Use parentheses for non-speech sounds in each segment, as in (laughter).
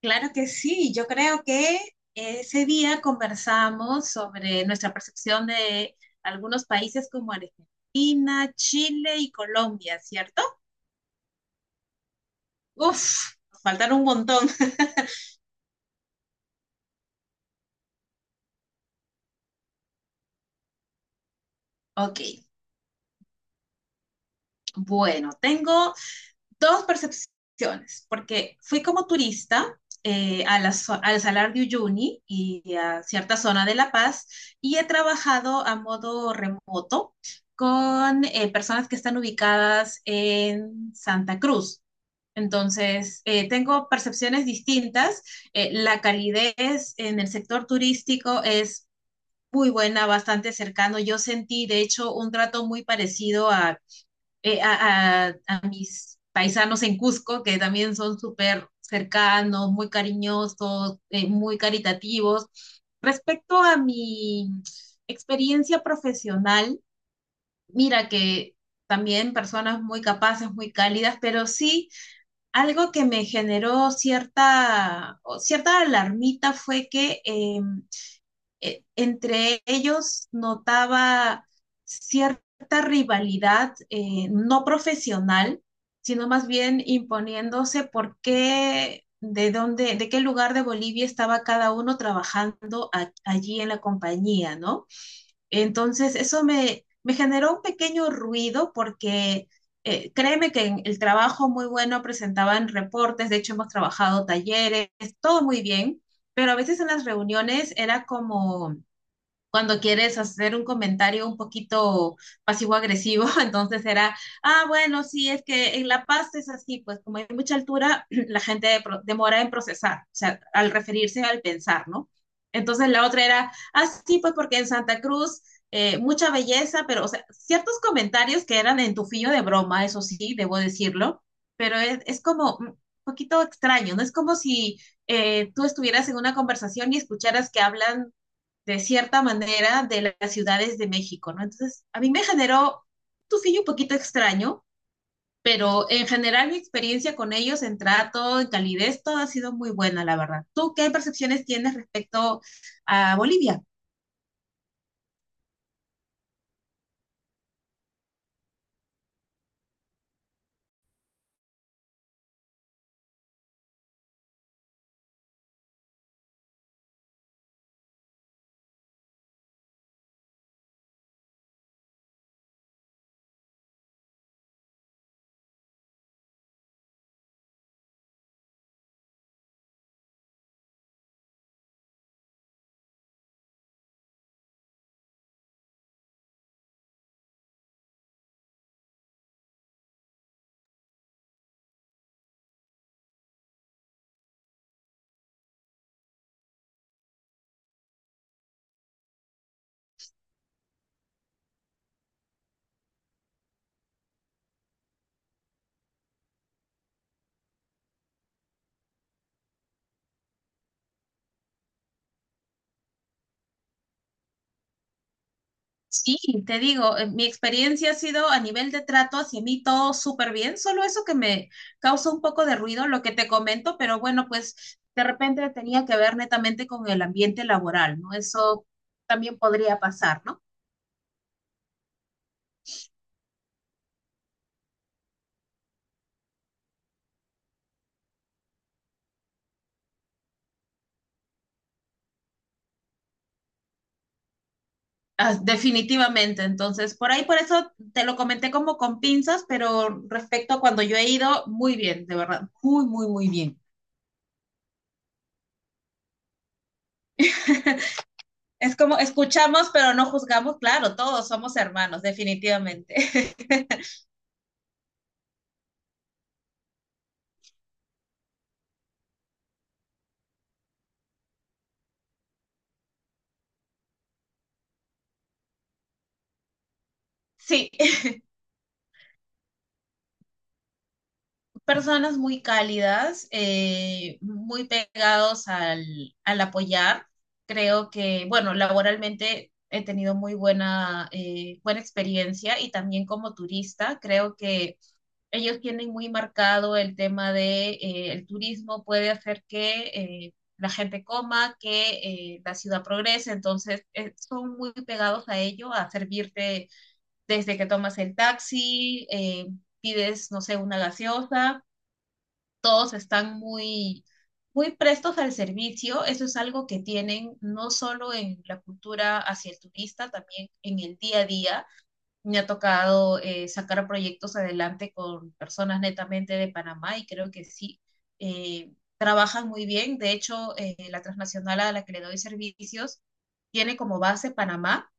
Claro que sí, yo creo que ese día conversamos sobre nuestra percepción de algunos países como Argentina, Chile y Colombia, ¿cierto? Uf, nos faltaron un montón. (laughs) Ok, bueno, tengo dos percepciones, porque fui como turista a la, al Salar de Uyuni y a cierta zona de La Paz y he trabajado a modo remoto con personas que están ubicadas en Santa Cruz. Entonces, tengo percepciones distintas. La calidez en el sector turístico es muy buena, bastante cercano. Yo sentí, de hecho, un trato muy parecido a mis paisanos en Cusco, que también son súper cercanos, muy cariñosos, muy caritativos. Respecto a mi experiencia profesional, mira que también personas muy capaces, muy cálidas, pero sí algo que me generó cierta, o cierta alarmita fue que entre ellos notaba cierta rivalidad no profesional, sino más bien imponiéndose por qué, de dónde, de qué lugar de Bolivia estaba cada uno trabajando allí en la compañía, ¿no? Entonces, me generó un pequeño ruido porque créeme que en el trabajo muy bueno presentaban reportes, de hecho hemos trabajado talleres, todo muy bien, pero a veces en las reuniones era como, cuando quieres hacer un comentario un poquito pasivo-agresivo, (laughs) entonces era, ah, bueno, sí, es que en La Paz es así, pues como hay mucha altura, (clears throat) la gente demora en procesar, o sea, al referirse al pensar, ¿no? Entonces la otra era, ah, sí, pues porque en Santa Cruz mucha belleza, pero, o sea, ciertos comentarios que eran en tu filo de broma, eso sí, debo decirlo, pero es como un poquito extraño, ¿no? Es como si tú estuvieras en una conversación y escucharas que hablan de cierta manera de las ciudades de México, ¿no? Entonces, a mí me generó un fillo un poquito extraño, pero en general mi experiencia con ellos en trato, en calidez, todo ha sido muy buena, la verdad. ¿Tú qué percepciones tienes respecto a Bolivia? Sí, te digo, mi experiencia ha sido a nivel de trato hacia mí todo súper bien, solo eso que me causa un poco de ruido, lo que te comento, pero bueno, pues de repente tenía que ver netamente con el ambiente laboral, ¿no? Eso también podría pasar, ¿no? Ah, definitivamente, entonces por ahí, por eso te lo comenté como con pinzas, pero respecto a cuando yo he ido, muy bien, de verdad, muy, muy, muy bien. (laughs) Es como escuchamos, pero no juzgamos, claro, todos somos hermanos, definitivamente. (laughs) Sí, personas muy cálidas, muy pegados al apoyar. Creo que, bueno, laboralmente he tenido muy buena, buena experiencia y también como turista, creo que ellos tienen muy marcado el tema de el turismo puede hacer que la gente coma, que la ciudad progrese, entonces son muy pegados a ello, a servirte desde que tomas el taxi, pides, no sé, una gaseosa, todos están muy prestos al servicio, eso es algo que tienen no solo en la cultura hacia el turista, también en el día a día, me ha tocado sacar proyectos adelante con personas netamente de Panamá y creo que sí, trabajan muy bien. De hecho, la transnacional a la que le doy servicios tiene como base Panamá.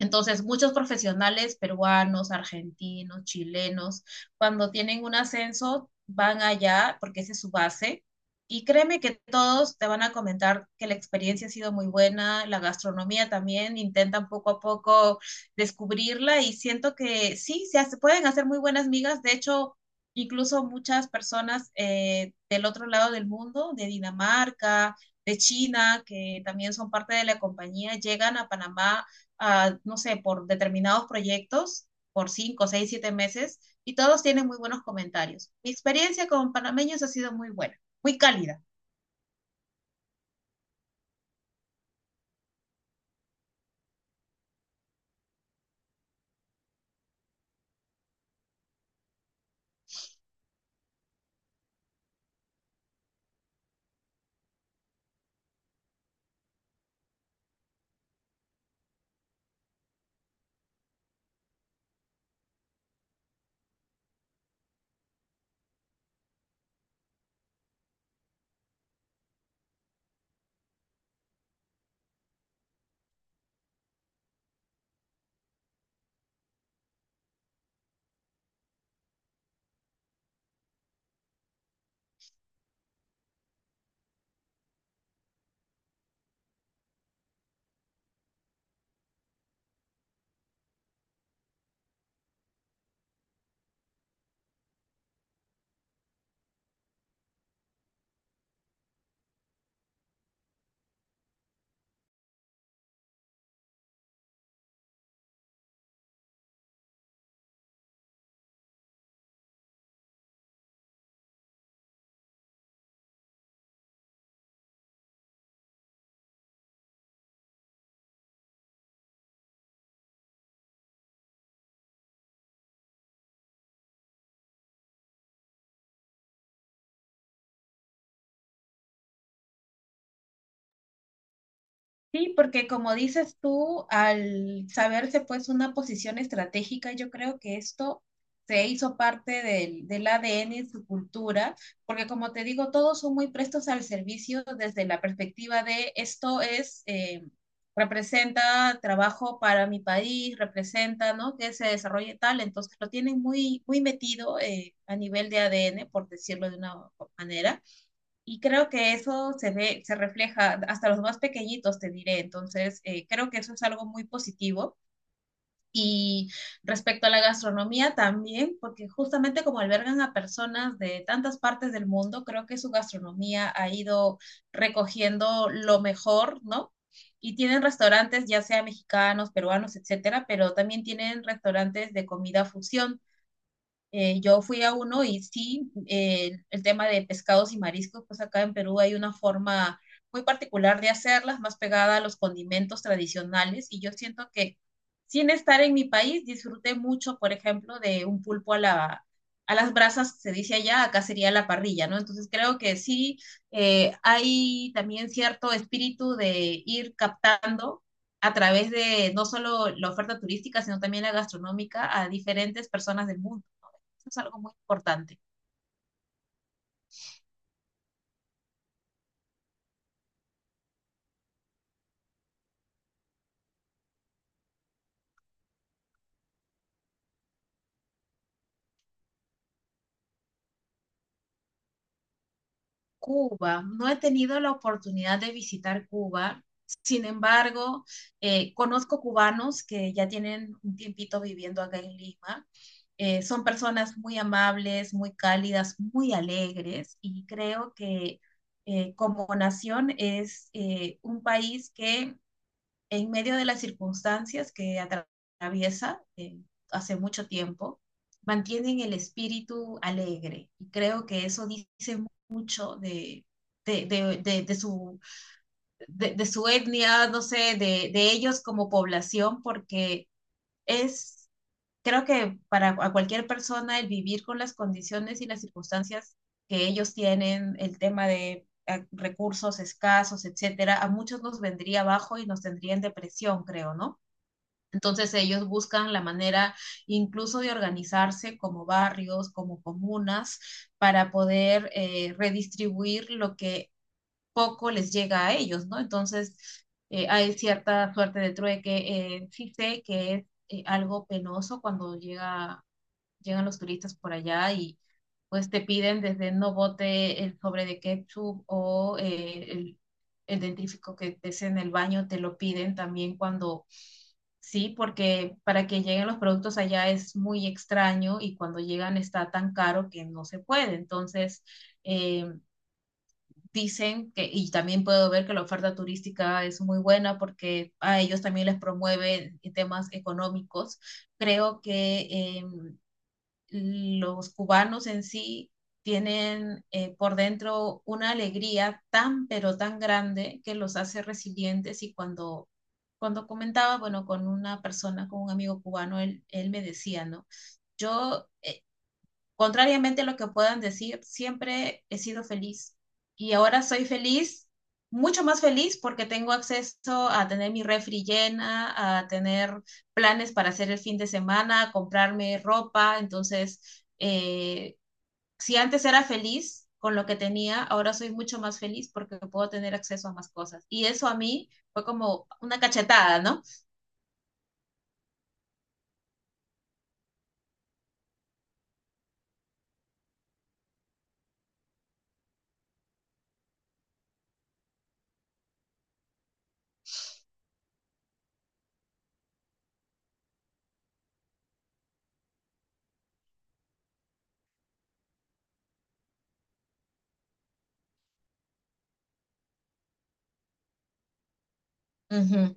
Entonces, muchos profesionales peruanos, argentinos, chilenos, cuando tienen un ascenso, van allá porque esa es su base. Y créeme que todos te van a comentar que la experiencia ha sido muy buena, la gastronomía también, intentan poco a poco descubrirla y siento que sí, pueden hacer muy buenas migas. De hecho, incluso muchas personas del otro lado del mundo, de Dinamarca, de China, que también son parte de la compañía, llegan a Panamá ah, no sé, por determinados proyectos, por cinco, seis, siete meses, y todos tienen muy buenos comentarios. Mi experiencia con panameños ha sido muy buena, muy cálida. Sí, porque como dices tú, al saberse pues una posición estratégica, yo creo que esto se hizo parte del ADN y su cultura, porque como te digo, todos son muy prestos al servicio desde la perspectiva de esto es, representa trabajo para mi país, representa, ¿no? Que se desarrolle tal, entonces lo tienen muy, muy metido a nivel de ADN, por decirlo de una manera. Y creo que eso se ve, se refleja hasta los más pequeñitos, te diré. Entonces, creo que eso es algo muy positivo. Y respecto a la gastronomía también, porque justamente como albergan a personas de tantas partes del mundo, creo que su gastronomía ha ido recogiendo lo mejor, ¿no? Y tienen restaurantes, ya sea mexicanos, peruanos, etcétera, pero también tienen restaurantes de comida fusión. Yo fui a uno y sí, el tema de pescados y mariscos, pues acá en Perú hay una forma muy particular de hacerlas, más pegada a los condimentos tradicionales. Y yo siento que sin estar en mi país, disfruté mucho, por ejemplo, de un pulpo a las brasas, se dice allá, acá sería la parrilla, ¿no? Entonces creo que sí, hay también cierto espíritu de ir captando a través de no solo la oferta turística, sino también la gastronómica a diferentes personas del mundo. Eso es algo muy importante. Cuba, no he tenido la oportunidad de visitar Cuba. Sin embargo, conozco cubanos que ya tienen un tiempito viviendo acá en Lima. Son personas muy amables, muy cálidas, muy alegres y creo que como nación es un país que en medio de las circunstancias que atraviesa hace mucho tiempo, mantienen el espíritu alegre. Y creo que eso dice mucho de, de, de de, su, de su etnia, no sé, ellos como población, porque es, creo que para a cualquier persona el vivir con las condiciones y las circunstancias que ellos tienen, el tema de recursos escasos, etcétera, a muchos nos vendría abajo y nos tendría en depresión, creo, ¿no? Entonces ellos buscan la manera incluso de organizarse como barrios, como comunas, para poder redistribuir lo que poco les llega a ellos, ¿no? Entonces hay cierta suerte de trueque. Sí sé que es algo penoso llegan los turistas por allá y pues te piden desde no bote el sobre de ketchup o el dentífrico que estés en el baño, te lo piden también sí, porque para que lleguen los productos allá es muy extraño y cuando llegan está tan caro que no se puede. Entonces, eh, dicen que, y también puedo ver que la oferta turística es muy buena porque a ellos también les promueve temas económicos. Creo que Eh, los cubanos en sí tienen por dentro una alegría tan, pero tan grande que los hace resilientes y cuando comentaba, bueno, con una persona, con un amigo cubano, él me decía, ¿no? Yo, contrariamente a lo que puedan decir, siempre he sido feliz y ahora soy feliz, mucho más feliz porque tengo acceso a tener mi refri llena, a tener planes para hacer el fin de semana, a comprarme ropa. Entonces, si antes era feliz con lo que tenía, ahora soy mucho más feliz porque puedo tener acceso a más cosas. Y eso a mí fue como una cachetada, ¿no? Ujú.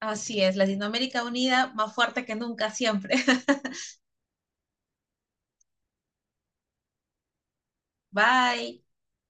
Así es, Latinoamérica unida, más fuerte que nunca, siempre. (laughs) Bye.